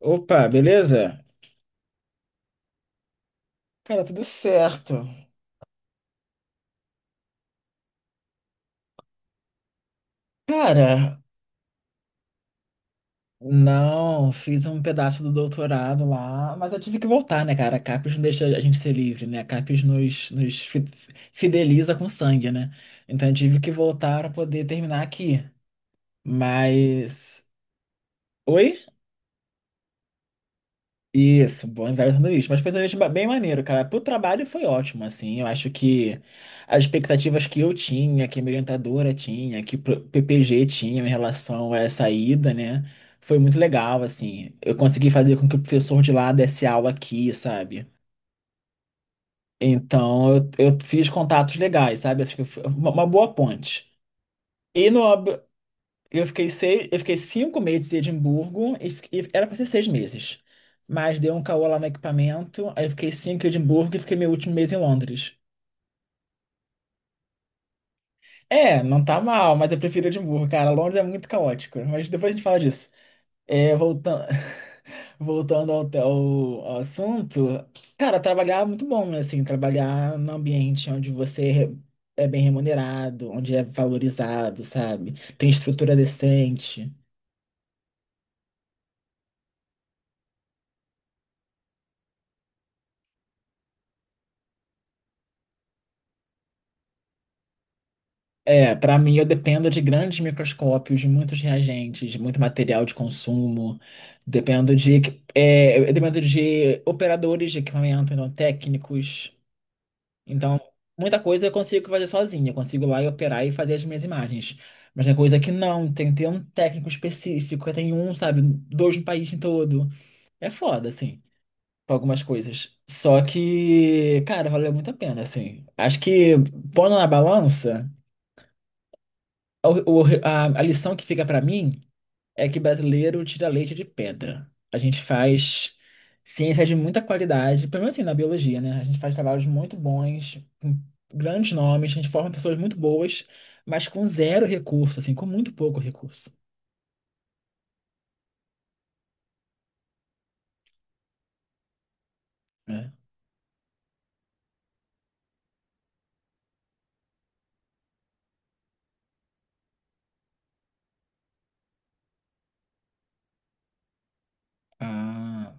Opa, beleza? Cara, tudo certo. Cara, não, fiz um pedaço do doutorado lá, mas eu tive que voltar, né, cara? A CAPES não deixa a gente ser livre, né? A CAPES nos fideliza com sangue, né? Então eu tive que voltar para poder terminar aqui. Mas. Oi? Isso, bom e velho sanduíche. Mas foi um sanduíche bem maneiro, cara. Pro trabalho foi ótimo, assim. Eu acho que as expectativas que eu tinha, que a minha orientadora tinha, que o PPG tinha em relação a essa ida, né? Foi muito legal, assim. Eu consegui fazer com que o professor de lá desse aula aqui, sabe? Então eu fiz contatos legais, sabe? Acho que foi uma boa ponte. E no, eu fiquei seis, eu fiquei 5 meses em Edimburgo e, e era para ser 6 meses. Mas deu um caô lá no equipamento, aí eu fiquei cinco em Edimburgo e fiquei meu último mês em Londres. É, não tá mal, mas eu prefiro Edimburgo, cara. Londres é muito caótico, mas depois a gente fala disso. É, voltando, voltando ao assunto, cara, trabalhar é muito bom, né? Assim, trabalhar num ambiente onde você é bem remunerado, onde é valorizado, sabe? Tem estrutura decente. É, para mim eu dependo de grandes microscópios, de muitos reagentes, de muito material de consumo. Dependo de, equi- é, eu dependo de operadores de equipamento, então técnicos. Então, muita coisa eu consigo fazer sozinho. Eu consigo ir lá e operar e fazer as minhas imagens. Mas tem coisa que não, tem que ter um técnico específico, tem um, sabe, dois no país todo. É foda, assim, pra algumas coisas. Só que, cara, valeu muito a pena, assim. Acho que pondo na balança. A lição que fica para mim é que brasileiro tira leite de pedra. A gente faz ciência de muita qualidade, pelo menos assim na biologia, né? A gente faz trabalhos muito bons, com grandes nomes, a gente forma pessoas muito boas, mas com zero recurso, assim, com muito pouco recurso, né? Ah,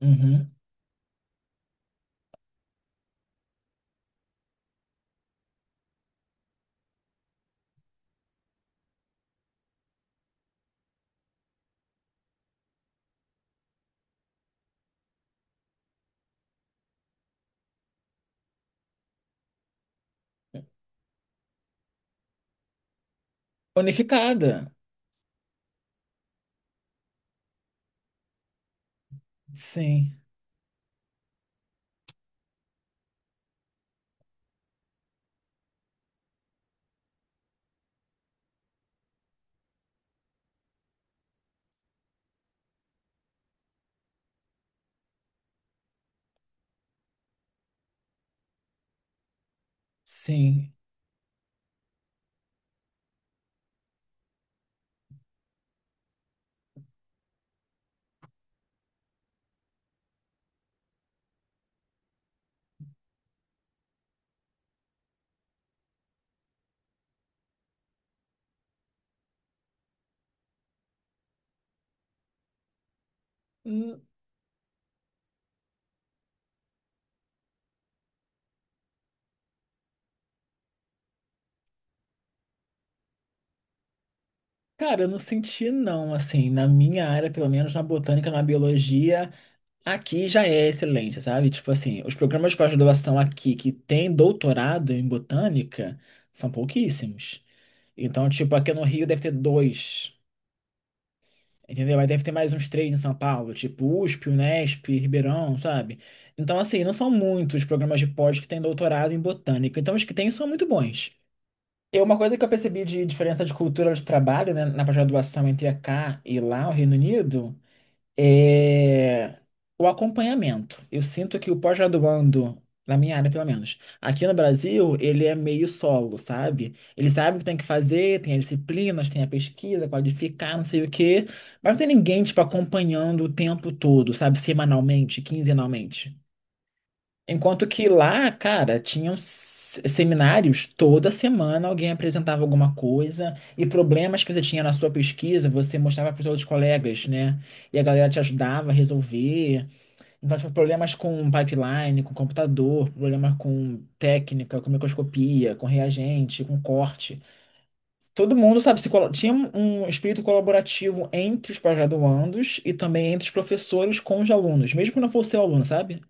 uhum. Unificada. Sim, sim. Hum, Cara, eu não senti não, assim, na minha área, pelo menos na botânica, na biologia. Aqui já é excelência, sabe? Tipo assim, os programas de pós-graduação aqui que têm doutorado em botânica são pouquíssimos. Então, tipo, aqui no Rio deve ter dois, entendeu? Aí deve ter mais uns três em São Paulo, tipo USP, Unesp, Ribeirão, sabe? Então, assim, não são muitos programas de pós que têm doutorado em botânica. Então, os que têm são muito bons. E uma coisa que eu percebi de diferença de cultura de trabalho, né, na pós-graduação entre cá e lá, o Reino Unido é o acompanhamento. Eu sinto que o pós-graduando, na minha área pelo menos, aqui no Brasil, ele é meio solo, sabe? Ele sabe o que tem que fazer, tem as disciplinas, tem a pesquisa, qualificar, não sei o quê, mas não tem ninguém, tipo, acompanhando o tempo todo, sabe? Semanalmente, quinzenalmente. Enquanto que lá, cara, tinham seminários, toda semana alguém apresentava alguma coisa e problemas que você tinha na sua pesquisa, você mostrava para os outros colegas, né? E a galera te ajudava a resolver. Então, tipo, problemas com pipeline, com computador, problemas com técnica, com microscopia, com reagente, com corte. Todo mundo, sabe, se colo- tinha um espírito colaborativo entre os pós-graduandos e também entre os professores com os alunos, mesmo que não fosse o aluno, sabe?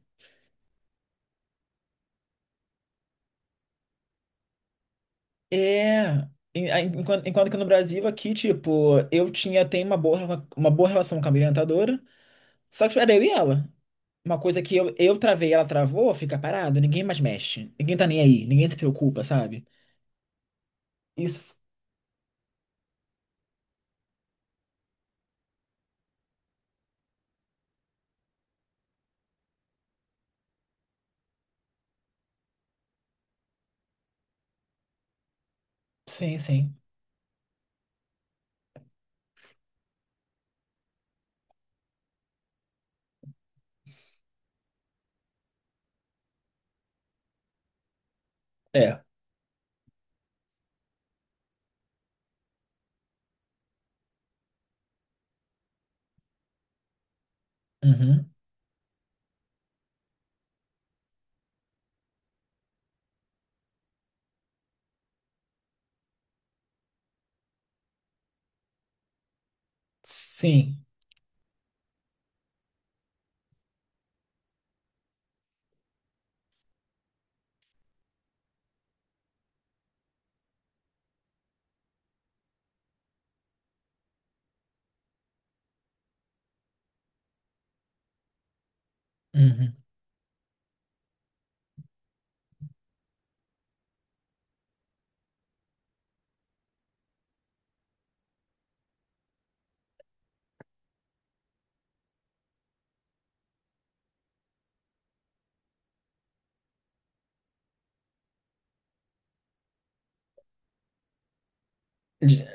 É, enquanto que no Brasil aqui, tipo, eu tinha, tenho uma uma boa relação com a minha orientadora, só que tipo, era eu e ela. Uma coisa que eu travei, ela travou, fica parado, ninguém mais mexe, ninguém tá nem aí, ninguém se preocupa, sabe? Isso, sim, sim. É, uhum, sim, uhum. De-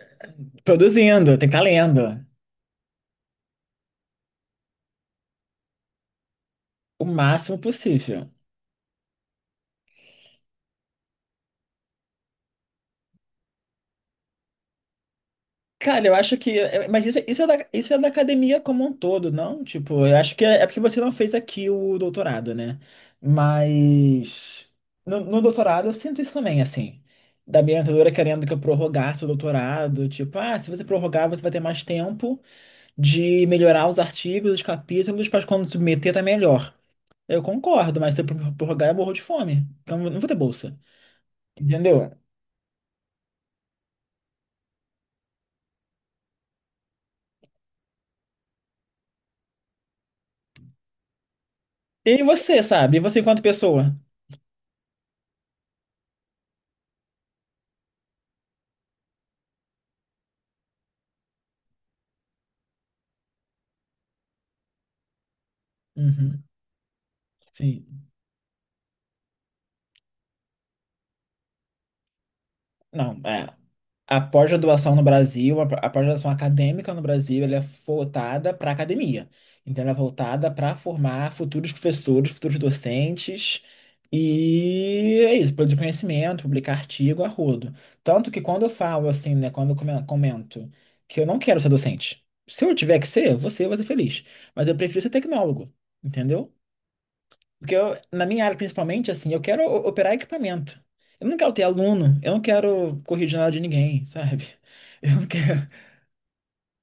Produzindo, tem que estar lendo, o máximo possível. Cara, eu acho que. É- Mas isso é da academia como um todo, não? Tipo, eu acho que é porque você não fez aqui o doutorado, né? Mas. No doutorado eu sinto isso também, assim. Da minha orientadora querendo que eu prorrogasse o doutorado. Tipo, ah, se você prorrogar, você vai ter mais tempo de melhorar os artigos, os capítulos, para quando submeter tá melhor. Eu concordo, mas se eu prorrogar, eu morro de fome. Então eu não vou ter bolsa. Entendeu? E você, sabe? E você enquanto pessoa? Uhum, sim. Não, é. A pós-graduação no Brasil, a pós-graduação acadêmica no Brasil, ela é voltada para a academia. Então, ela é voltada para formar futuros professores, futuros docentes. E é isso, produzir conhecimento, publicar artigo a rodo. Tanto que quando eu falo assim, né, quando eu comento que eu não quero ser docente, se eu tiver que ser, você vai ser eu vou ser feliz. Mas eu prefiro ser tecnólogo, entendeu? Porque eu, na minha área, principalmente, assim, eu quero operar equipamento. Eu não quero ter aluno, eu não quero corrigir nada de ninguém, sabe? Eu não quero.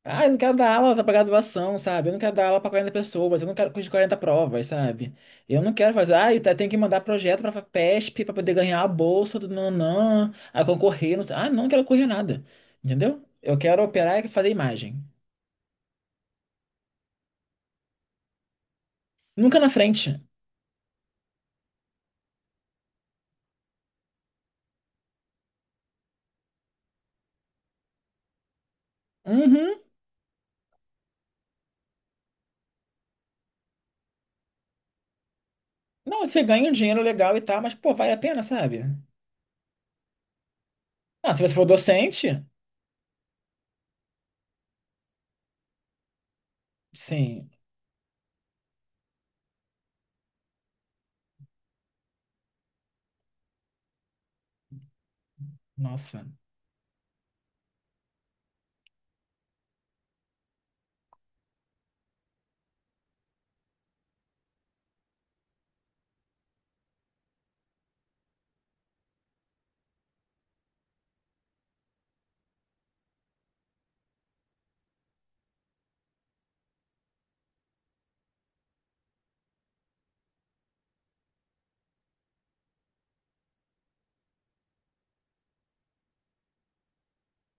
Ah, eu não quero dar aula para graduação, sabe? Eu não quero dar aula para 40 pessoas, eu não quero corrigir 40 provas, sabe? Eu não quero fazer. Ah, eu tenho que mandar projeto para PESP para poder ganhar a bolsa do nanã, a concorrer. Não sei. Ah, não quero correr nada, entendeu? Eu quero operar e fazer imagem. Nunca na frente. Uhum. Não, você ganha um dinheiro legal e tal, mas, pô, vale a pena, sabe? Ah, se você for docente. Sim, nossa.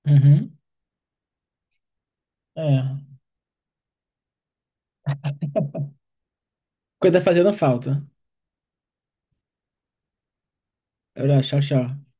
Uhum. É. Coisa fazendo falta. Olha, tchau, tchau.